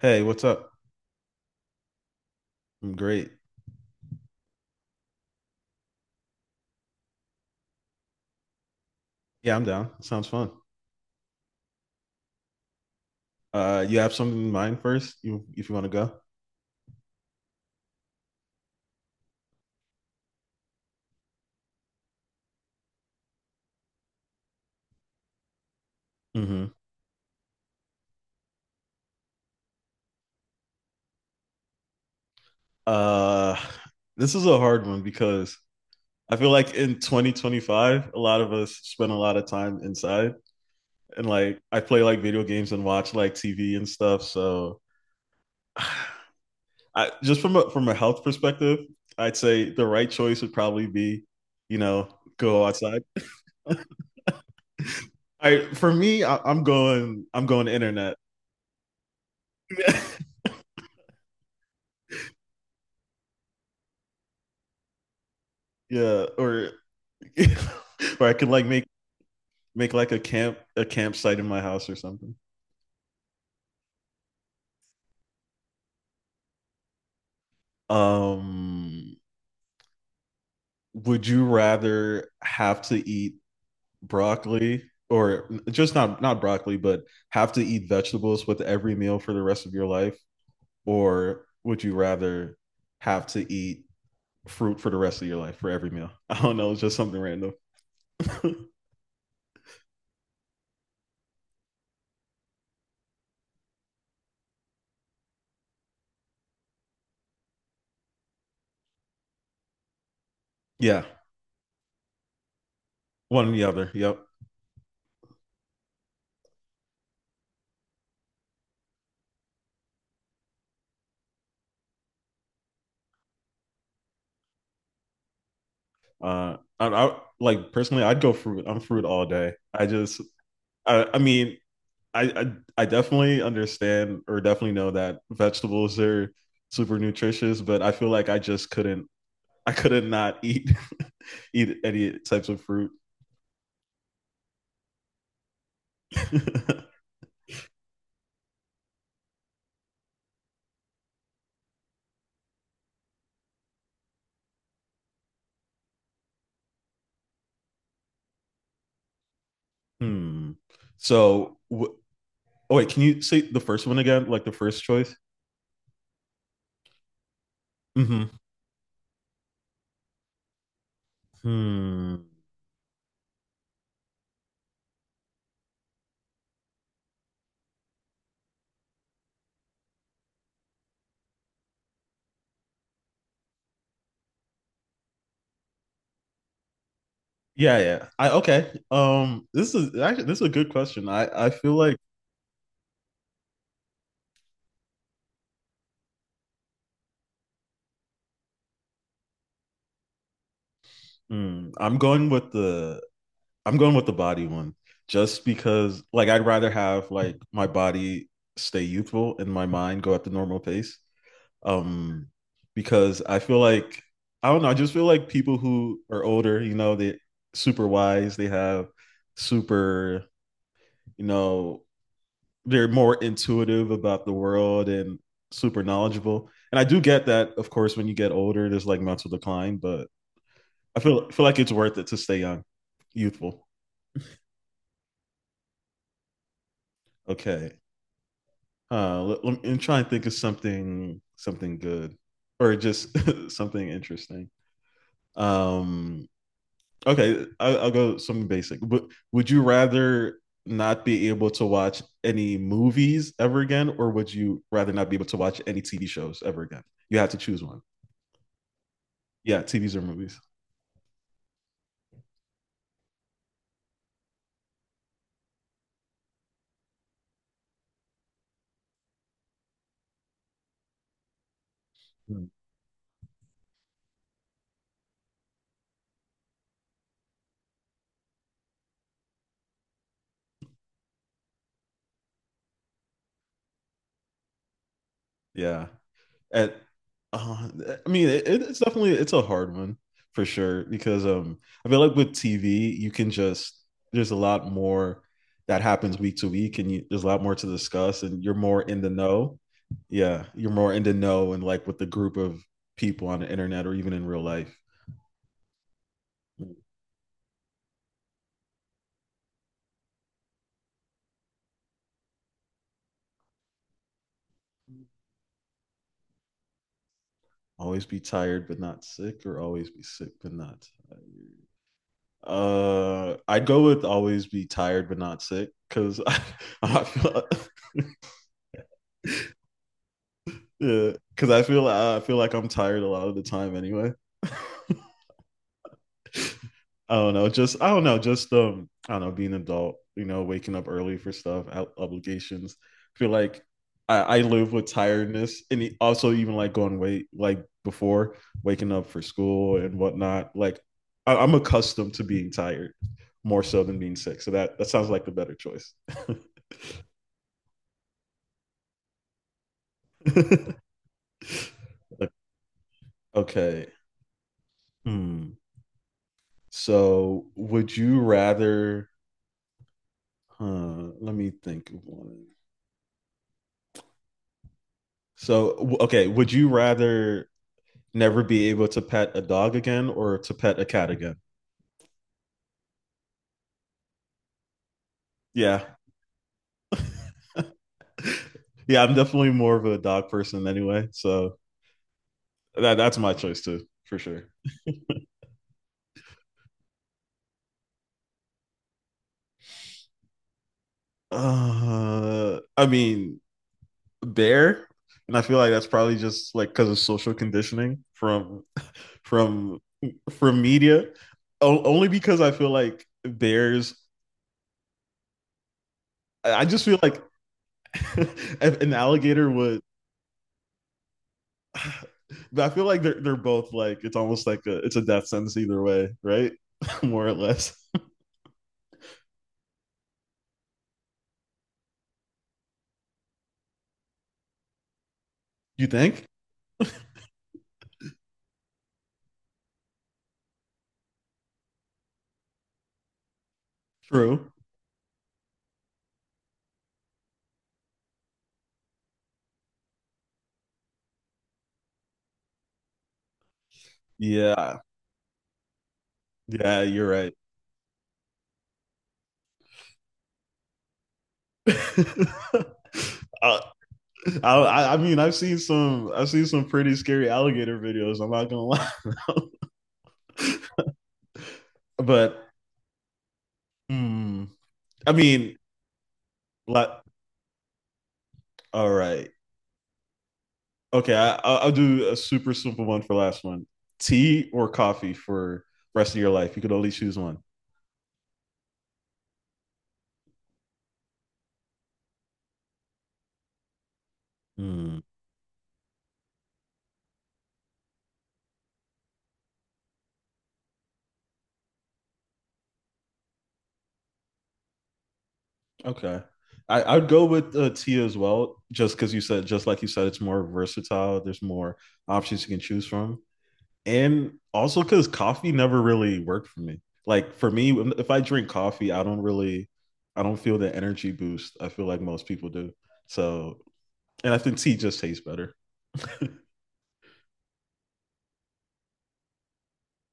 Hey, what's up? I'm great. Yeah, I'm down. Sounds fun. You have something in mind first? You, if you want to go. Hmm. Uh, this is a hard one because I feel like in 2025, a lot of us spend a lot of time inside, and like I play like video games and watch like TV and stuff. So, I just from a health perspective, I'd say the right choice would probably be, you know, go outside. I for me, I, I'm going internet. yeah, or or I could like make like a campsite in my house or something. Um, would you rather have to eat broccoli or just not broccoli, but have to eat vegetables with every meal for the rest of your life, or would you rather have to eat fruit for the rest of your life for every meal? I don't know, it's just something random. yeah, one or the other. Yep. I like personally, I'd go fruit. I'm fruit all day. I mean, I definitely understand or definitely know that vegetables are super nutritious, but I feel like I just couldn't I couldn't not eat eat any types of fruit. hmm. So w- oh wait, can you say the first one again? Like the first choice? Hmm. Hmm. Yeah, yeah. I okay. This is actually this is a good question. I feel like hmm, I'm going with the I'm going with the body one just because like I'd rather have like my body stay youthful and my mind go at the normal pace. Um, because I feel like I don't know, I just feel like people who are older, you know, they super wise, they have super, you know, they're more intuitive about the world and super knowledgeable. And I do get that, of course, when you get older, there's like mental decline, but I feel feel like it's worth it to stay young, youthful. Okay. Let me try and think of something good or just something interesting. Um, okay, I'll go something basic. But would you rather not be able to watch any movies ever again, or would you rather not be able to watch any TV shows ever again? You have to choose one. Yeah, TVs or movies. Hmm. Yeah. At uh, I mean, it's definitely it's a hard one for sure because um, I feel like with TV you can just there's a lot more that happens week to week and you, there's a lot more to discuss and you're more in the know. Yeah, you're more in the know and like with the group of people on the internet or even in real life always be tired but not sick or always be sick but not tired? I'd go with always be tired but not sick because I feel yeah because I feel like I'm tired a lot of the time anyway. I don't know, just I don't know, just I don't know, being an adult, you know, waking up early for stuff, obligations. I feel like I live with tiredness, and also even like like before waking up for school and whatnot. Like I'm accustomed to being tired more so than being sick. So that sounds like the better choice. okay. Hmm. So would you rather? Huh, let me think of one. Okay, would you rather never be able to pet a dog again or to pet a cat again. Yeah. Yeah, I'm definitely more of a dog person anyway. So that's my choice too, for sure. Uh, I mean, bear, and I feel like that's probably just like cuz of social conditioning from from media. Only because I feel like bears I just feel like an alligator would but I feel like they're both like it's almost like a it's a death sentence either way, right? More or less. You think? True. Yeah. Yeah, you're right. Uh, I mean, I've seen some pretty scary alligator videos. I'm not gonna lie, but hmm, I mean, la- all right, okay. I'll do a super simple one for last one: tea or coffee for rest of your life. You could only choose one. Hmm. Okay. I'd go with Tia as well, just because you said, just like you said, it's more versatile. There's more options you can choose from. And also because coffee never really worked for me. Like for me, if I drink coffee, I don't really, I don't feel the energy boost. I feel like most people do. So, and I think tea just tastes better.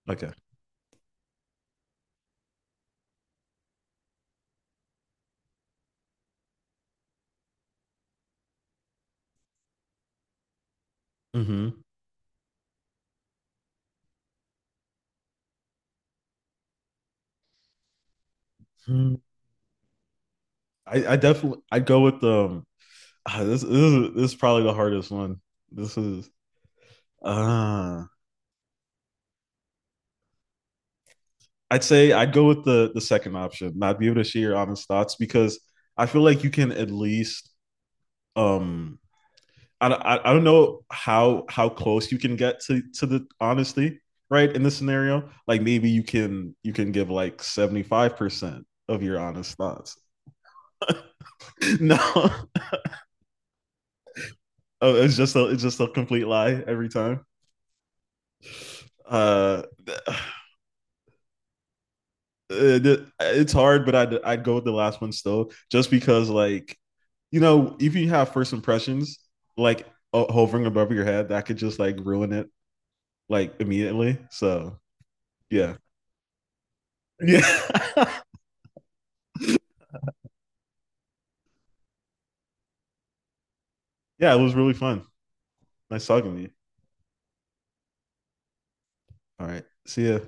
Okay. Hmm. I definitely, I'd go with ah, this is probably the hardest one. This is, ah. I'd say I'd go with the second option, not be able to share your honest thoughts because I feel like you can at least um, I don't know how close you can get to the honesty right in this scenario like maybe you can give like 75% of your honest thoughts no oh, it's just a complete lie every time uh, uh, it's hard, but I'd go with the last one still, just because like you know if you have first impressions like hovering above your head, that could just like ruin it like immediately. So yeah, yeah, yeah. It was really fun. Nice talking to you. All right, see ya.